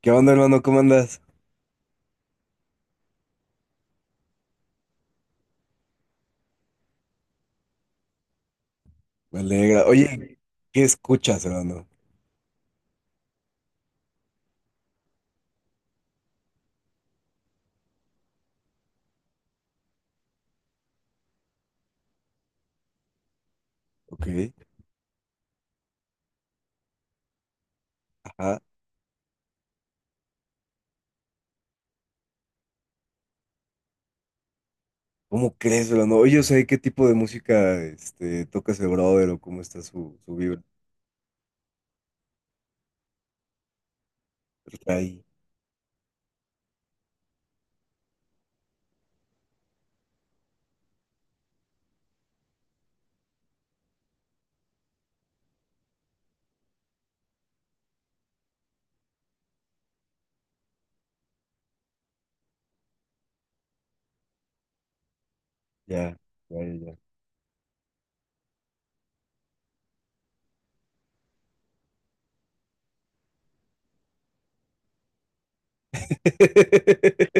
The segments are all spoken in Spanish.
¿Qué onda, hermano? ¿Cómo andas? Me alegra. Oye, ¿qué escuchas, hermano? Ok. Ajá. ¿Cómo crees, hermano? Oye, o sea, ¿qué tipo de música toca ese brother o cómo está su vibra? Está ahí. Ya, ya, ya, ya.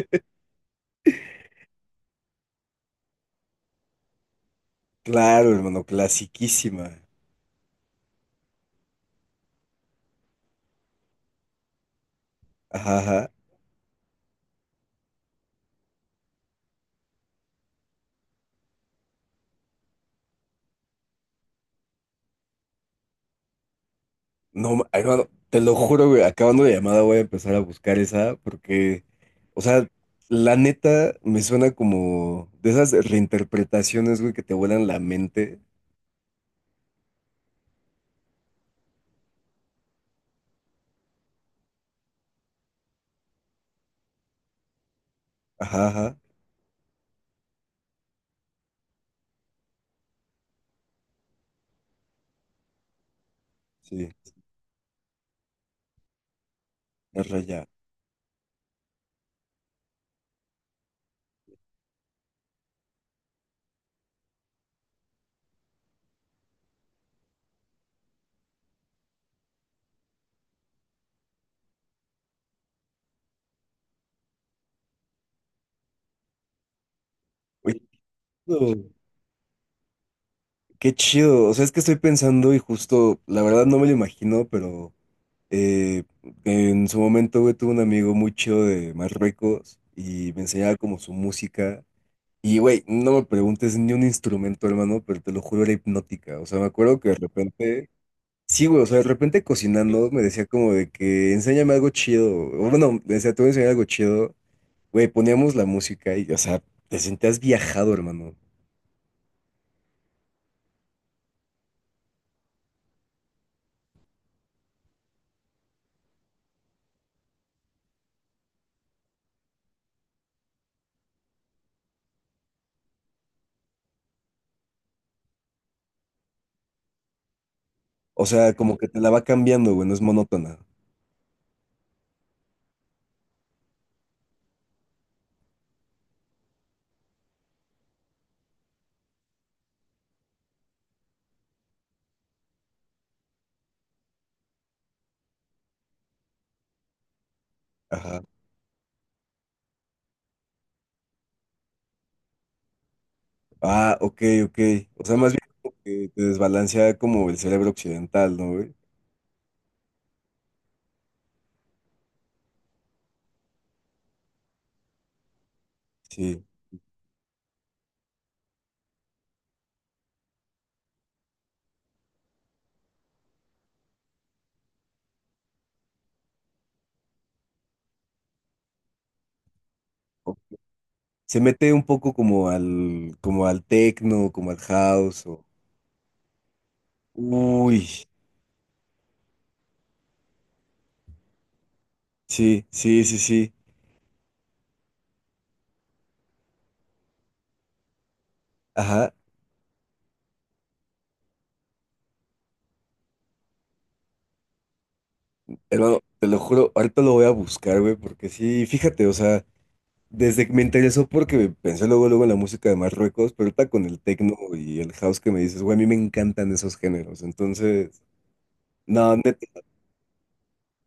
Claro, hermano, clasiquísima. Ajá, ajá. No, hermano, te lo juro, güey, acabando la llamada voy a empezar a buscar esa porque, o sea, la neta me suena como de esas reinterpretaciones, güey, que te vuelan la mente. Ajá, ajá. Sí, es raya. Oye, chido, qué chido. O sea, es que estoy pensando y justo, la verdad no me lo imagino, pero eh, en su momento, güey, tuve un amigo muy chido de Marruecos y me enseñaba como su música. Y, güey, no me preguntes ni un instrumento, hermano, pero te lo juro, era hipnótica. O sea, me acuerdo que de repente, sí, güey, o sea, de repente cocinando me decía como de que enséñame algo chido. O bueno, me decía, te voy a enseñar algo chido. Güey, poníamos la música y, o sea, te sentías viajado, hermano. O sea, como que te la va cambiando, güey, no es monótona. Ajá. Ah, ok, ok. O sea, más bien como que te desbalancea como el cerebro occidental, ¿no, güey? Sí. O- Se mete un poco como al techno, como al house, o... Uy, sí, sí, sí, sí. Ajá. Hermano, te lo juro, ahorita lo voy a buscar, güey, porque sí, fíjate, o sea, desde que me interesó porque pensé luego, luego en la música de Marruecos, pero ahorita con el techno y el house que me dices, güey, a mí me encantan esos géneros, entonces... No, neta,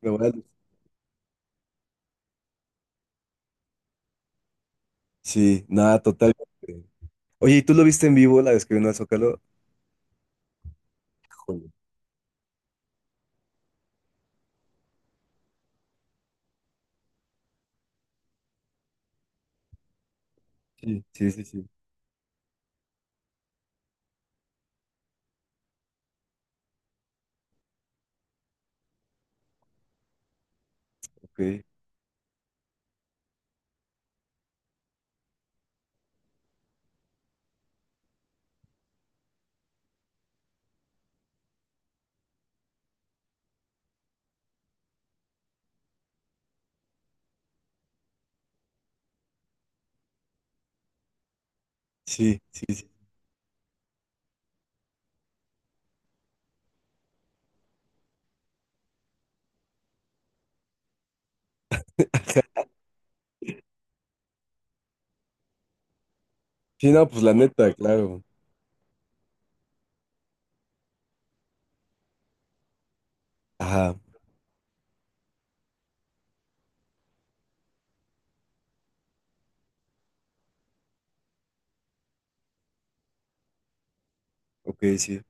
me voy a... Sí, nada, totalmente. Oye, ¿y tú lo viste en vivo la vez que vino al Zócalo? Joder. Sí, sí, sí, sí, ok. Sí, sí, sí. Sí, no, pues la neta, claro. Ajá, ok, sí.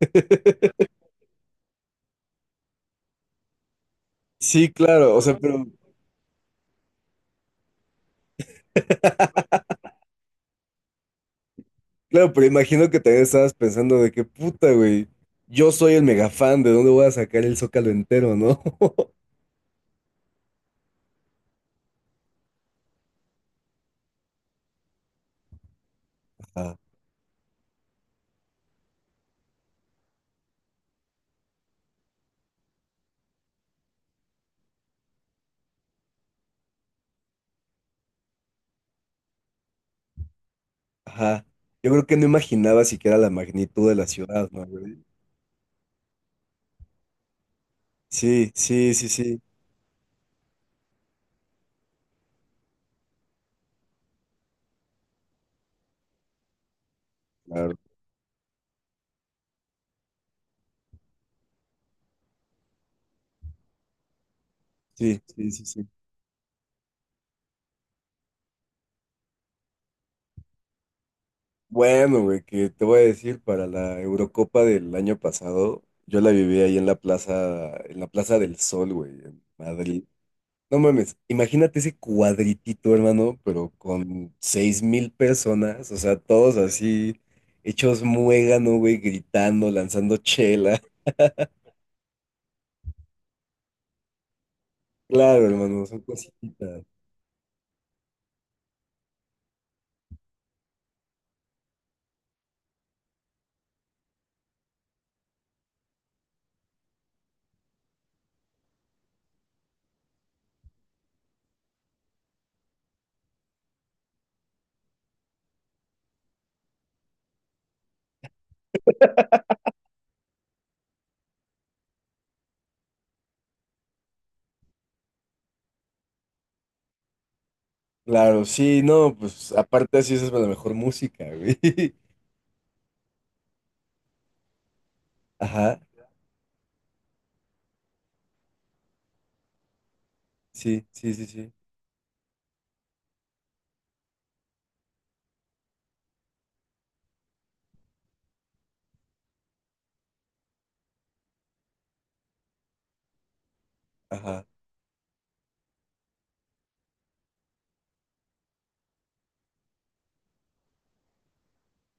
Sí, claro, o sea, pero, claro, pero imagino que también estabas pensando de que puta, güey, yo soy el mega fan, ¿de dónde voy a sacar el Zócalo entero, no? Ajá, ajá. Yo creo que no imaginaba siquiera la magnitud de la ciudad, ¿no, güey? Sí, sí, sí, sí. Claro. Sí, sí, sí, sí. Bueno, güey, que te voy a decir, para la Eurocopa del año pasado, yo la viví ahí en la Plaza del Sol, güey, en Madrid. No mames, imagínate ese cuadritito, hermano, pero con seis mil personas, o sea, todos así, hechos muégano, güey, gritando, lanzando chela. Claro, hermano, son cositas. Claro, sí, no, pues aparte así esa es la mejor música, güey. Ajá, sí, sí, sí, sí, ajá,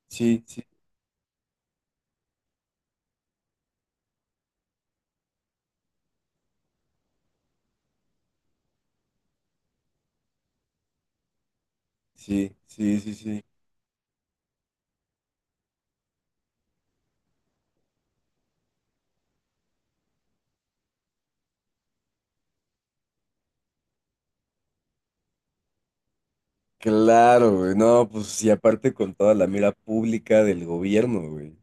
sí, sí, sí, sí, sí, sí. Claro, güey. No, pues y aparte con toda la mira pública del gobierno, güey.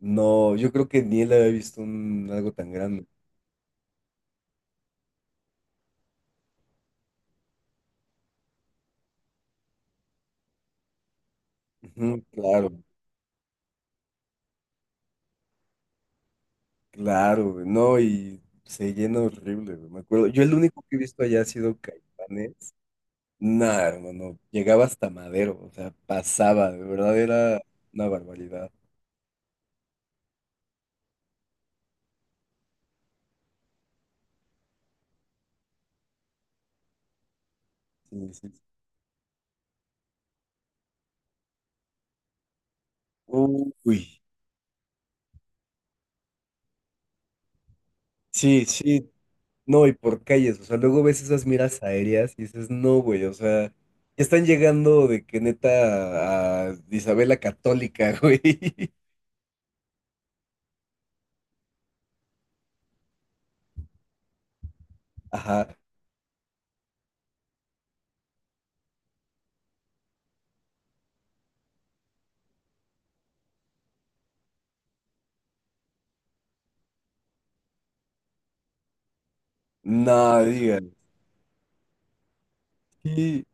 No, yo creo que ni él había visto un, algo tan grande. Ujú, claro, claro, güey. No, y se llena horrible, güey. Me acuerdo. Yo el único que he visto allá ha sido Caifanes. Nada, hermano. Llegaba hasta Madero, o sea, pasaba, de verdad era una barbaridad. Sí, sí, sí. Uy, sí, sí. No, y por calles, o sea, luego ves esas miras aéreas y dices, no, güey, o sea, ya están llegando de que neta a Isabel la Católica, güey. Ajá, no, digan, sí,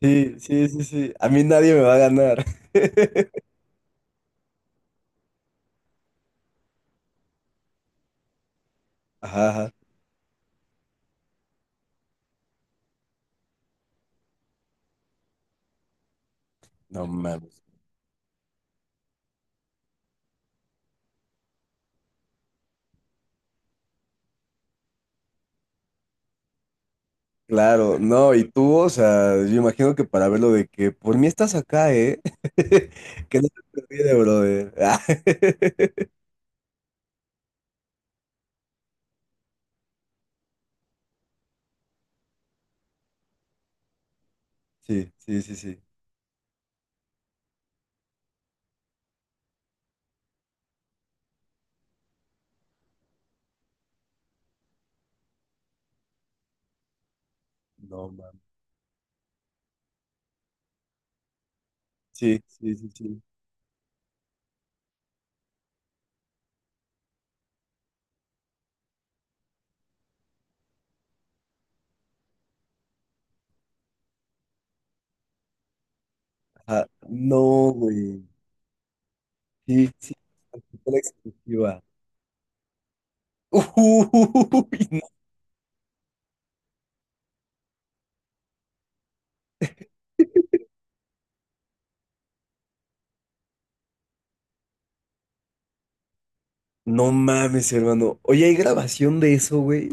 sí, sí, sí, sí, a mí nadie me va a ganar. Ajá, ajá. No mames. Claro, no, y tú, o sea, yo imagino que para verlo de que por mí estás acá, ¿eh? Que no te olvide, brother. Sí, sí, sí, sí. No mames. Sí, sí, sí, sí. Ah, no, güey. Sí, sí, fue la exclusiva. Uy, no, no mames, hermano. Oye, ¿hay grabación de eso, güey?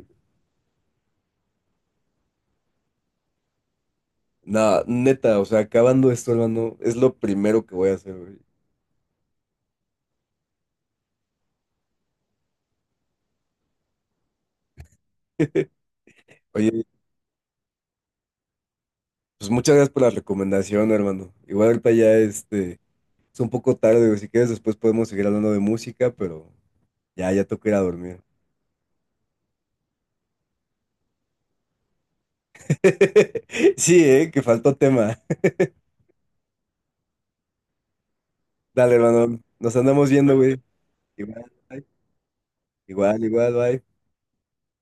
Nah, neta, o sea, acabando esto, hermano, es lo primero que voy a hacer, güey. Oye, pues muchas gracias por la recomendación, hermano. Igual ahorita ya es un poco tarde, güey. Si quieres, después podemos seguir hablando de música, pero ya, ya toca ir a dormir. Sí, que faltó tema. Dale, hermano. Nos andamos viendo, güey. Igual, bye. Igual, igual, bye.